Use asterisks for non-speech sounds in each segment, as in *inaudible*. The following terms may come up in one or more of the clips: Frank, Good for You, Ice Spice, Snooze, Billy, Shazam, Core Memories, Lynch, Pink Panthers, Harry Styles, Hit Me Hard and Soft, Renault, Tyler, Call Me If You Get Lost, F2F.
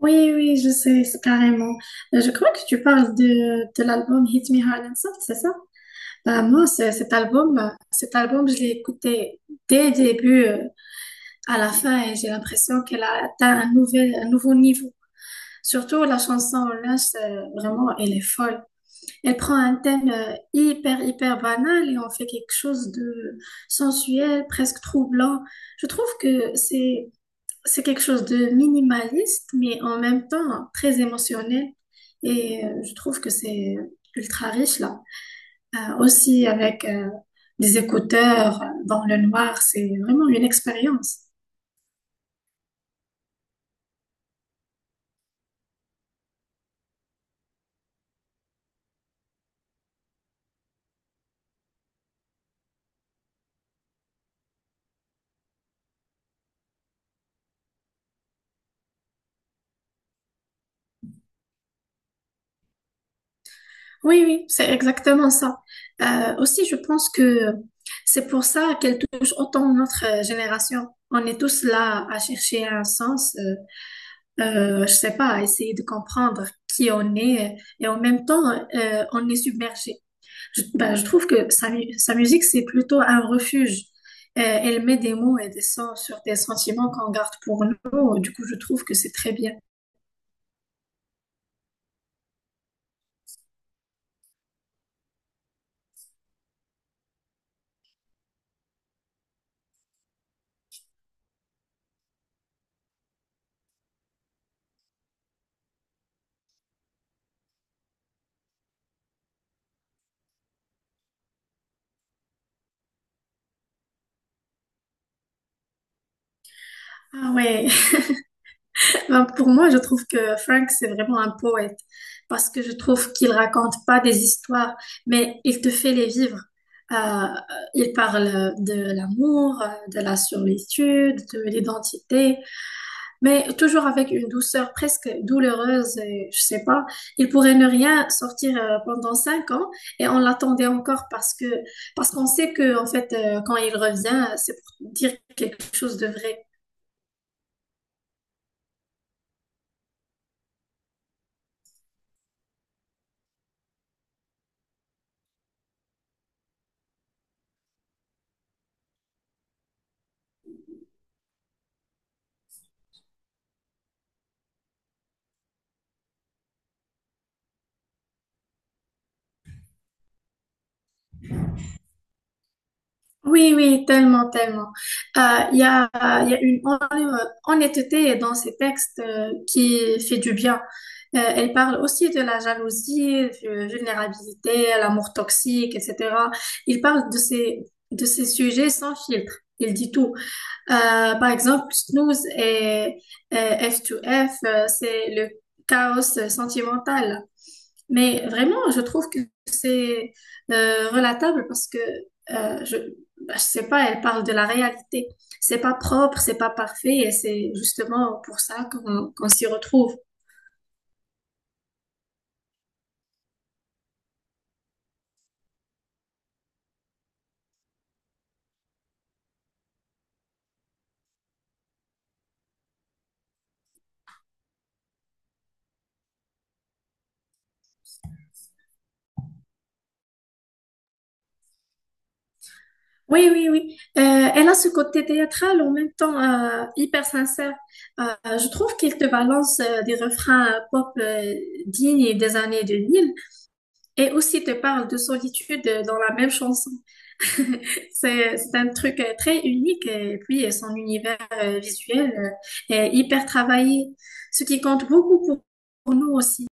Oui, oui, je sais, c'est carrément. Je crois que tu parles de l'album Hit Me Hard and Soft, c'est ça? Moi, cet album, je l'ai écouté dès le début à la fin, et j'ai l'impression qu'elle a atteint un nouveau niveau. Surtout la chanson Lynch, vraiment, elle est folle. Elle prend un thème hyper banal et en fait quelque chose de sensuel, presque troublant. Je trouve que c'est quelque chose de minimaliste, mais en même temps très émotionnel. Et je trouve que c'est ultra riche là. Aussi avec des écouteurs dans le noir, c'est vraiment une expérience. Oui, oui, c'est exactement ça. Aussi, je pense que c'est pour ça qu'elle touche autant notre génération. On est tous là à chercher un sens, je sais pas, à essayer de comprendre qui on est, et en même temps, on est submergé. Je trouve que sa musique, c'est plutôt un refuge. Elle met des mots et des sons sur des sentiments qu'on garde pour nous. Du coup, je trouve que c'est très bien. Ah ouais, *laughs* ben, pour moi, je trouve que Frank, c'est vraiment un poète, parce que je trouve qu'il raconte pas des histoires, mais il te fait les vivre. Euh, il parle de l'amour, de la solitude, de l'identité, mais toujours avec une douceur presque douloureuse, et je sais pas. Il pourrait ne rien sortir pendant 5 ans et on l'attendait encore parce qu'on sait que en fait quand il revient, c'est pour dire quelque chose de vrai. Oui, oui, tellement, tellement. Euh, Il y a, il y a une honnêteté dans ces textes qui fait du bien. Elle parle aussi de la jalousie, de vulnérabilité, l'amour toxique, etc. Il parle de ces sujets sans filtre. Il dit tout. Par exemple, et F2F, c'est le chaos sentimental. Mais vraiment, je trouve que c'est relatable parce que euh, je, je sais pas, elle parle de la réalité. C'est pas propre, c'est pas parfait, et c'est justement pour ça qu'on s'y retrouve. Oui, oui, oui. Elle a ce côté théâtral en même temps hyper sincère. Je trouve qu'elle te balance des refrains pop dignes des années 2000, et aussi te parle de solitude dans la même chanson. *laughs* C'est un truc très unique et puis son univers visuel est hyper travaillé, ce qui compte beaucoup pour nous aussi.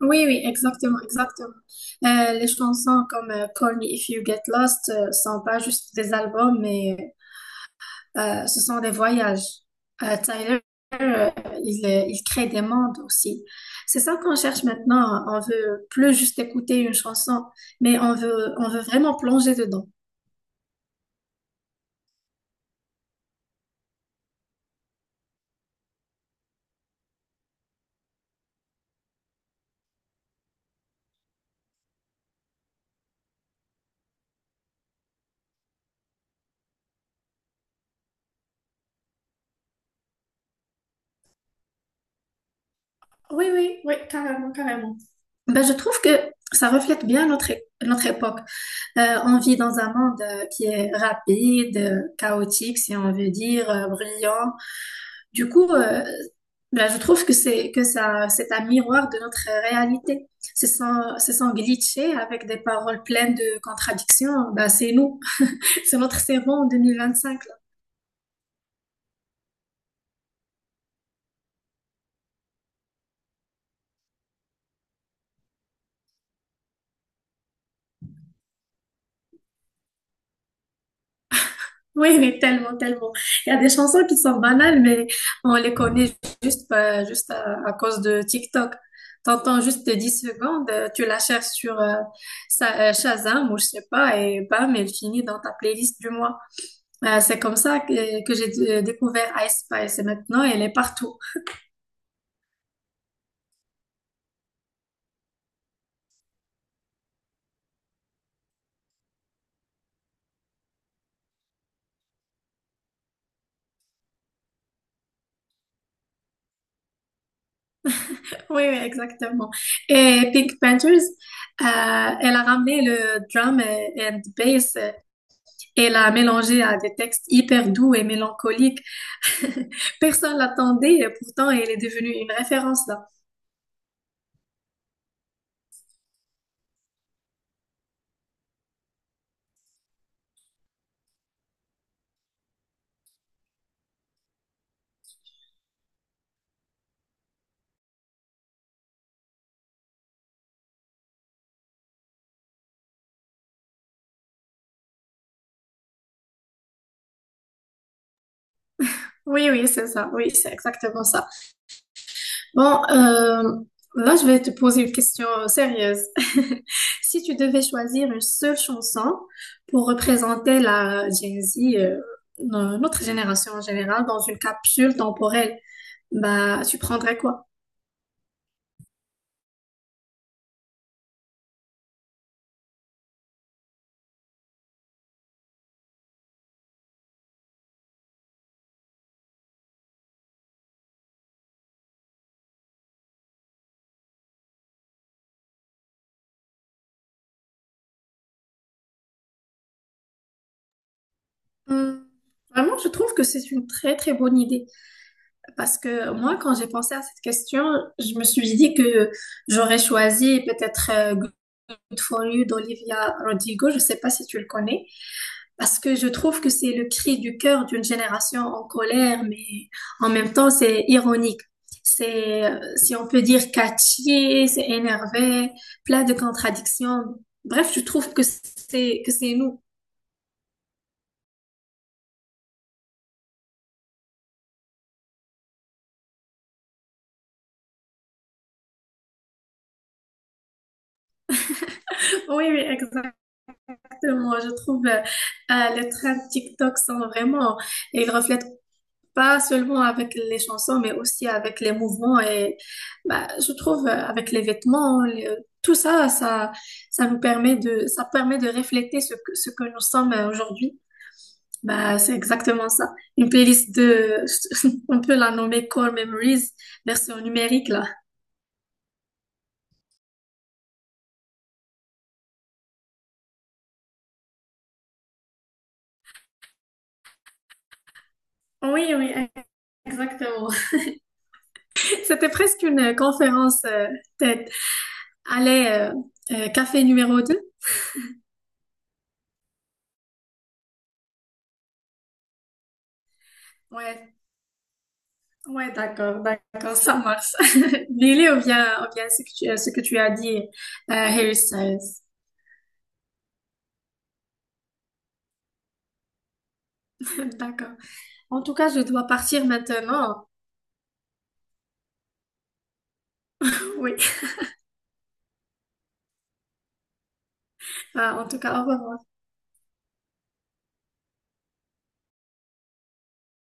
Oui, oui, exactement, exactement. Les chansons comme Call Me If You Get Lost sont pas juste des albums, mais ce sont des voyages. Euh, Tyler, euh, il crée des mondes aussi. C'est ça qu'on cherche maintenant. On veut plus juste écouter une chanson, mais on veut vraiment plonger dedans. Oui, oui, oui, carrément, carrément. Ben, je trouve que ça reflète bien notre époque. On vit dans un monde qui est rapide, chaotique, si on veut dire, brillant. Du coup, je trouve que c'est un miroir de notre réalité. C'est sans glitcher, avec des paroles pleines de contradictions. Ben, c'est nous, *laughs* c'est notre cerveau en 2025. Oui, oui, tellement, tellement. Il y a des chansons qui sont banales, mais on les connaît juste, juste à cause de TikTok. T'entends juste 10 secondes, tu la cherches sur Shazam ou je sais pas, et bam, elle finit dans ta playlist du mois. C'est comme ça que j'ai découvert Ice Spice, et maintenant elle est partout. *laughs* Oui, oui, exactement. Et Pink Panthers, elle a ramené le drum and bass, et l'a mélangé à des textes hyper doux et mélancoliques. *laughs* Personne l'attendait, et pourtant elle est devenue une référence là. Oui, oui, c'est ça. Oui, c'est exactement ça. Bon, là, je vais te poser une question sérieuse. *laughs* Si tu devais choisir une seule chanson pour représenter la Gen Z, notre génération en général, dans une capsule temporelle, bah, tu prendrais quoi? Hmm, vraiment, je trouve que c'est une très très bonne idée. Parce que moi, quand j'ai pensé à cette question, je me suis dit que j'aurais choisi peut-être Good for You d'Olivia Rodrigo. Je ne sais pas si tu le connais. Parce que je trouve que c'est le cri du cœur d'une génération en colère, mais en même temps, c'est ironique. C'est, si on peut dire, catchy, c'est énervé, plein de contradictions. Bref, je trouve que que c'est nous. *laughs* Oui, oui, exactement. Je trouve les trends TikTok sont vraiment, ils reflètent pas seulement avec les chansons, mais aussi avec les mouvements et bah, je trouve avec les vêtements, tout ça, ça nous permet ça permet de refléter ce que nous sommes aujourd'hui. Bah, c'est exactement ça. Une playlist de, *laughs* on peut la nommer Core Memories, version numérique là. Oui, oui, exactement. *laughs* C'était presque une conférence TED. Allez, café numéro deux. Ouais, ouais, d'accord, d'accord, ça marche. *laughs* Billy, on vient à ce que à ce que tu as dit, Harry Styles. *laughs* D'accord. En tout cas, je dois partir maintenant. Oui. En tout cas, au revoir.